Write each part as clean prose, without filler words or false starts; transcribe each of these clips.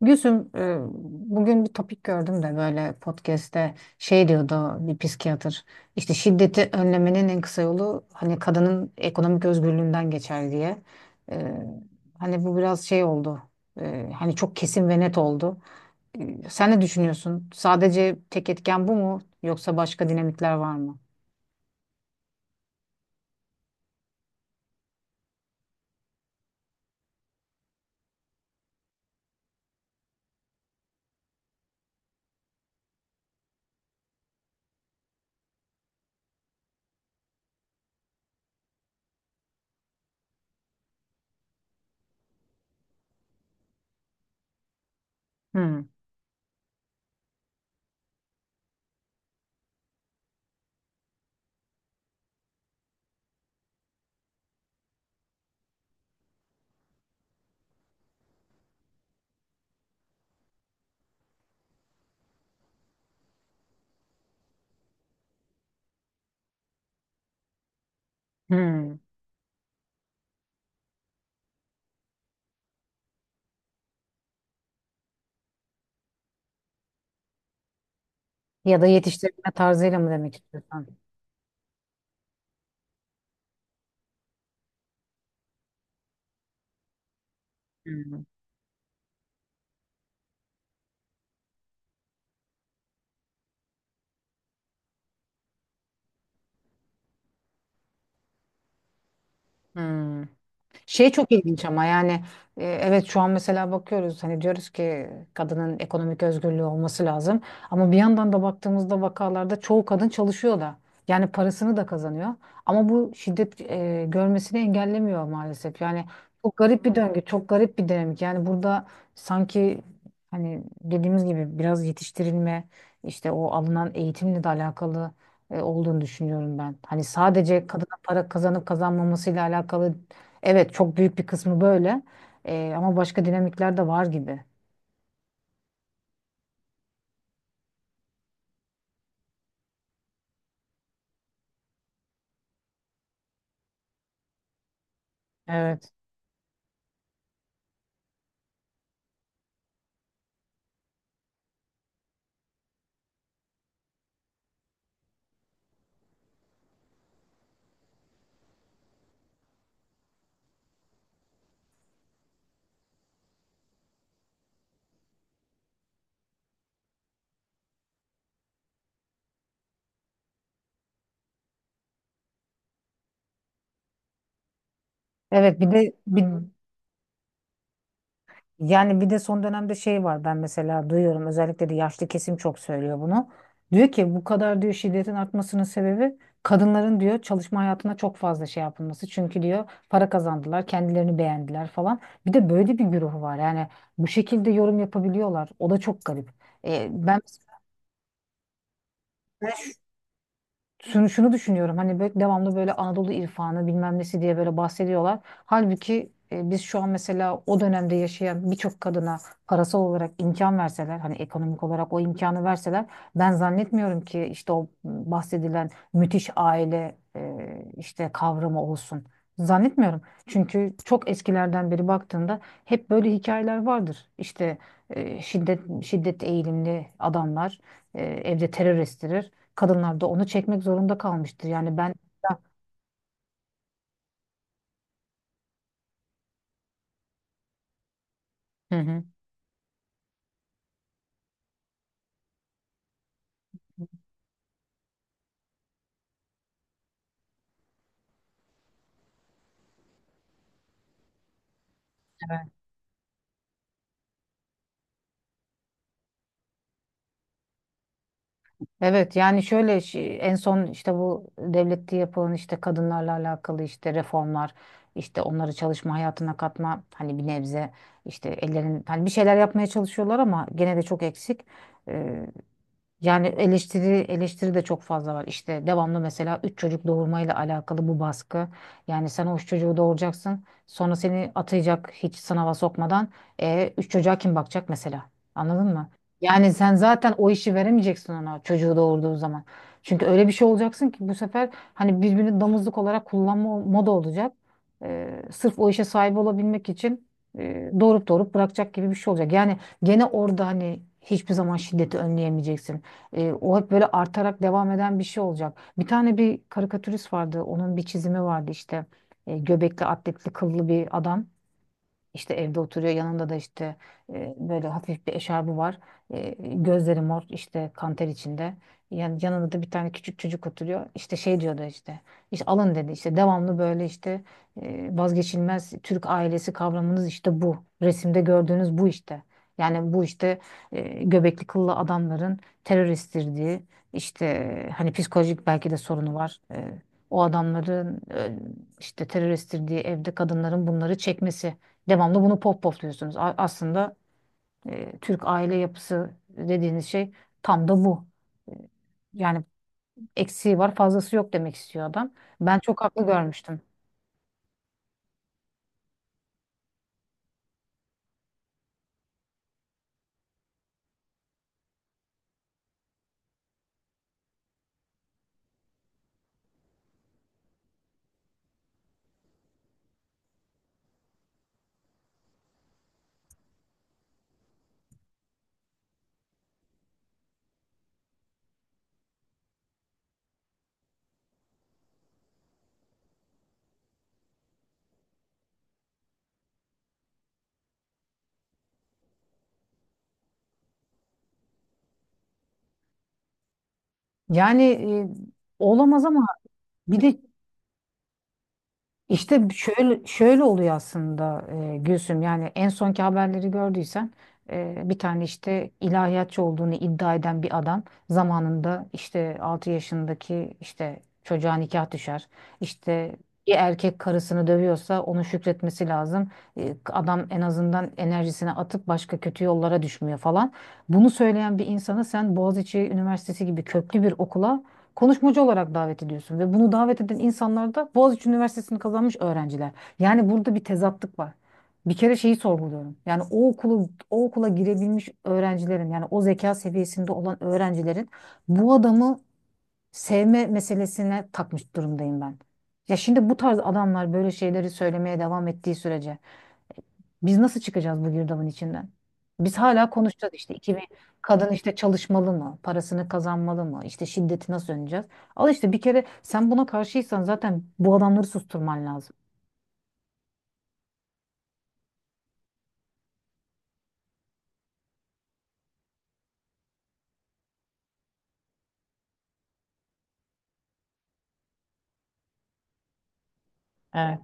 Gülsüm, bugün bir topik gördüm de böyle podcast'te şey diyordu bir psikiyatır. İşte şiddeti önlemenin en kısa yolu hani kadının ekonomik özgürlüğünden geçer diye. E, hani bu biraz şey oldu. Hani çok kesin ve net oldu. Sen ne düşünüyorsun? Sadece tek etken bu mu yoksa başka dinamikler var mı? Hmm, hmm. Ya da yetiştirme tarzıyla mı demek istiyorsan? Hmm, hmm. Şey çok ilginç ama yani evet, şu an mesela bakıyoruz, hani diyoruz ki kadının ekonomik özgürlüğü olması lazım, ama bir yandan da baktığımızda vakalarda çoğu kadın çalışıyor da, yani parasını da kazanıyor, ama bu şiddet görmesini engellemiyor maalesef yani. Çok garip bir döngü, çok garip bir dinamik yani burada. Sanki hani dediğimiz gibi biraz yetiştirilme, işte o alınan eğitimle de alakalı olduğunu düşünüyorum ben, hani sadece kadına para kazanıp kazanmamasıyla alakalı. Evet, çok büyük bir kısmı böyle. Ama başka dinamikler de var gibi. Evet. Evet bir de bir, hı. Yani bir de son dönemde şey var, ben mesela duyuyorum, özellikle de yaşlı kesim çok söylüyor bunu. Diyor ki, bu kadar diyor şiddetin artmasının sebebi kadınların diyor çalışma hayatına çok fazla şey yapılması. Çünkü diyor para kazandılar, kendilerini beğendiler falan. Bir de böyle bir güruh var. Yani bu şekilde yorum yapabiliyorlar. O da çok garip. Ben şunu düşünüyorum, hani böyle devamlı böyle Anadolu irfanı bilmem nesi diye böyle bahsediyorlar. Halbuki biz şu an mesela o dönemde yaşayan birçok kadına parasal olarak imkan verseler, hani ekonomik olarak o imkanı verseler, ben zannetmiyorum ki işte o bahsedilen müthiş aile işte kavramı olsun. Zannetmiyorum. Çünkü çok eskilerden beri baktığında hep böyle hikayeler vardır. İşte şiddet eğilimli adamlar evde terör estirir, kadınlar da onu çekmek zorunda kalmıştır. Yani ben... Hı hı. Evet. Evet yani şöyle en son işte bu devlette yapılan işte kadınlarla alakalı işte reformlar, işte onları çalışma hayatına katma, hani bir nebze işte ellerin hani bir şeyler yapmaya çalışıyorlar ama gene de çok eksik. Yani eleştiri, eleştiri de çok fazla var. İşte devamlı mesela üç çocuk doğurmayla alakalı bu baskı. Yani sen o üç çocuğu doğuracaksın. Sonra seni atayacak hiç sınava sokmadan. Üç çocuğa kim bakacak mesela? Anladın mı? Yani sen zaten o işi veremeyeceksin ona çocuğu doğurduğu zaman. Çünkü öyle bir şey olacaksın ki bu sefer hani birbirini damızlık olarak kullanma moda olacak. Sırf o işe sahip olabilmek için doğurup doğurup bırakacak gibi bir şey olacak. Yani gene orada hani hiçbir zaman şiddeti önleyemeyeceksin. O hep böyle artarak devam eden bir şey olacak. Bir tane bir karikatürist vardı. Onun bir çizimi vardı işte. Göbekli, atletli, kıllı bir adam. İşte evde oturuyor, yanında da işte böyle hafif bir eşarbı var. Gözleri mor, işte kanter içinde. Yani yanında da bir tane küçük çocuk oturuyor. İşte şey diyordu işte. İşte alın dedi, işte devamlı böyle işte vazgeçilmez Türk ailesi kavramınız işte bu. Resimde gördüğünüz bu işte. Yani bu işte göbekli kıllı adamların teröristtirdiği işte hani psikolojik belki de sorunu var. O adamların işte teröristtirdiği evde kadınların bunları çekmesi. Devamlı bunu popluyorsunuz. Aslında Türk aile yapısı dediğiniz şey tam da bu. E, Yani eksiği var, fazlası yok demek istiyor adam. Ben çok haklı görmüştüm. Yani olamaz ama bir de... İşte şöyle şöyle oluyor aslında. Gülsüm, yani en sonki haberleri gördüysen, bir tane işte ilahiyatçı olduğunu iddia eden bir adam zamanında işte 6 yaşındaki işte çocuğa nikah düşer. İşte bir erkek karısını dövüyorsa onu şükretmesi lazım. Adam en azından enerjisini atıp başka kötü yollara düşmüyor falan. Bunu söyleyen bir insana sen Boğaziçi Üniversitesi gibi köklü bir okula konuşmacı olarak davet ediyorsun ve bunu davet eden insanlar da Boğaziçi Üniversitesi'ni kazanmış öğrenciler. Yani burada bir tezatlık var. Bir kere şeyi sorguluyorum. Yani o okulu, o okula girebilmiş öğrencilerin, yani o zeka seviyesinde olan öğrencilerin bu adamı sevme meselesine takmış durumdayım ben. Ya şimdi bu tarz adamlar böyle şeyleri söylemeye devam ettiği sürece biz nasıl çıkacağız bu girdabın içinden? Biz hala konuşacağız işte 2000 kadın işte çalışmalı mı? Parasını kazanmalı mı? İşte şiddeti nasıl önleyeceğiz? Al işte bir kere sen buna karşıysan zaten bu adamları susturman lazım. Evet.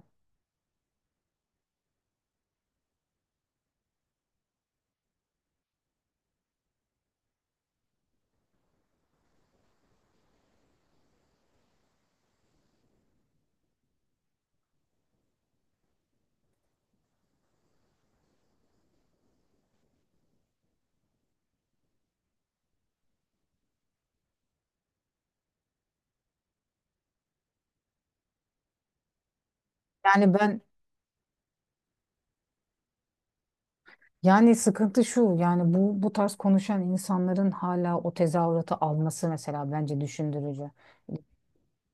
Yani ben, yani sıkıntı şu, yani bu tarz konuşan insanların hala o tezahüratı alması mesela bence düşündürücü.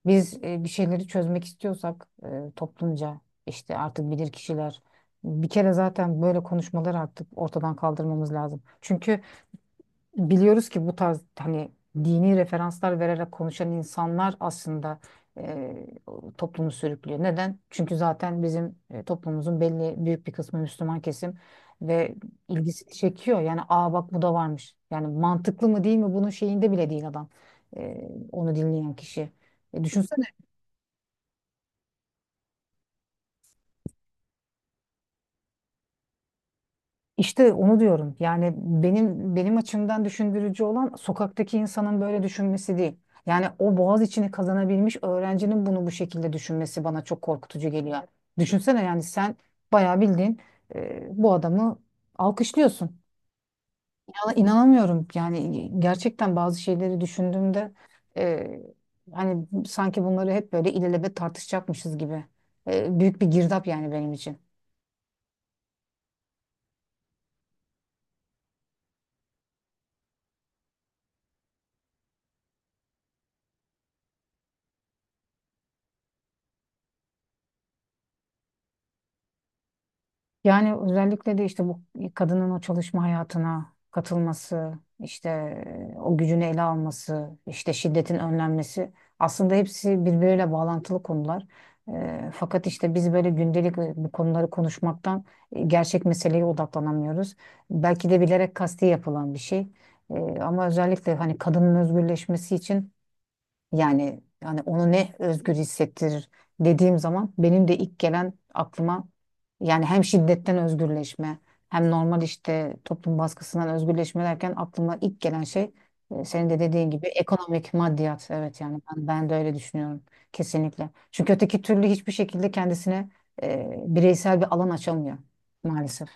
Biz bir şeyleri çözmek istiyorsak, toplumca işte artık bilir kişiler, bir kere zaten böyle konuşmaları artık ortadan kaldırmamız lazım. Çünkü biliyoruz ki bu tarz hani dini referanslar vererek konuşan insanlar aslında e, toplumu sürüklüyor. Neden? Çünkü zaten bizim toplumumuzun belli büyük bir kısmı Müslüman kesim ve ilgisi çekiyor. Yani, aa bak bu da varmış. Yani mantıklı mı değil mi bunun şeyinde bile değil adam. Onu dinleyen kişi. Düşünsene İşte onu diyorum. Yani benim açımdan düşündürücü olan sokaktaki insanın böyle düşünmesi değil. Yani o Boğaziçi'ni kazanabilmiş öğrencinin bunu bu şekilde düşünmesi bana çok korkutucu geliyor. Düşünsene yani sen bayağı bildiğin bu adamı alkışlıyorsun. Ya inanamıyorum. Yani gerçekten bazı şeyleri düşündüğümde e, hani sanki bunları hep böyle ilelebet tartışacakmışız gibi. Büyük bir girdap yani benim için. Yani özellikle de işte bu kadının o çalışma hayatına katılması, işte o gücünü ele alması, işte şiddetin önlenmesi aslında hepsi birbiriyle bağlantılı konular. Fakat işte biz böyle gündelik bu konuları konuşmaktan gerçek meseleye odaklanamıyoruz. Belki de bilerek kasti yapılan bir şey. E, ama özellikle hani kadının özgürleşmesi için, yani onu ne özgür hissettirir dediğim zaman benim de ilk gelen aklıma, yani hem şiddetten özgürleşme, hem normal işte toplum baskısından özgürleşme derken aklıma ilk gelen şey senin de dediğin gibi ekonomik maddiyat. Evet yani ben de öyle düşünüyorum kesinlikle. Çünkü öteki türlü hiçbir şekilde kendisine bireysel bir alan açamıyor maalesef.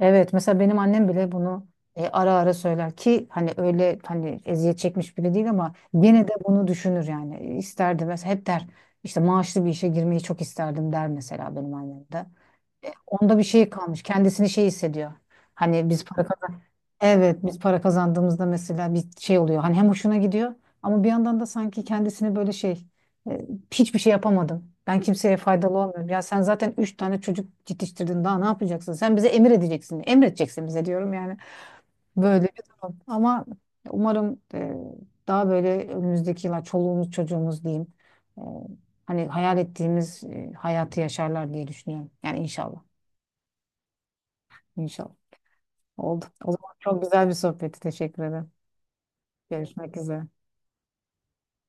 Evet, mesela benim annem bile bunu ara ara söyler ki hani öyle hani eziyet çekmiş biri değil, ama gene de bunu düşünür yani. İsterdi mesela, hep der işte maaşlı bir işe girmeyi çok isterdim der mesela benim annem de. Onda bir şey kalmış, kendisini şey hissediyor, hani biz para... Evet, biz para kazandığımızda mesela bir şey oluyor, hani hem hoşuna gidiyor ama bir yandan da sanki kendisini böyle şey e, hiçbir şey yapamadım, ben kimseye faydalı olmuyorum. Ya sen zaten üç tane çocuk yetiştirdin daha ne yapacaksın? Sen bize emir edeceksin. Emredeceksin bize diyorum yani. Böyle bir durum. Ama umarım daha böyle önümüzdeki yıllar çoluğumuz çocuğumuz diyeyim, e, hani hayal ettiğimiz hayatı yaşarlar diye düşünüyorum. Yani inşallah. İnşallah. Oldu. O zaman çok güzel bir sohbetti. Teşekkür ederim. Görüşmek üzere.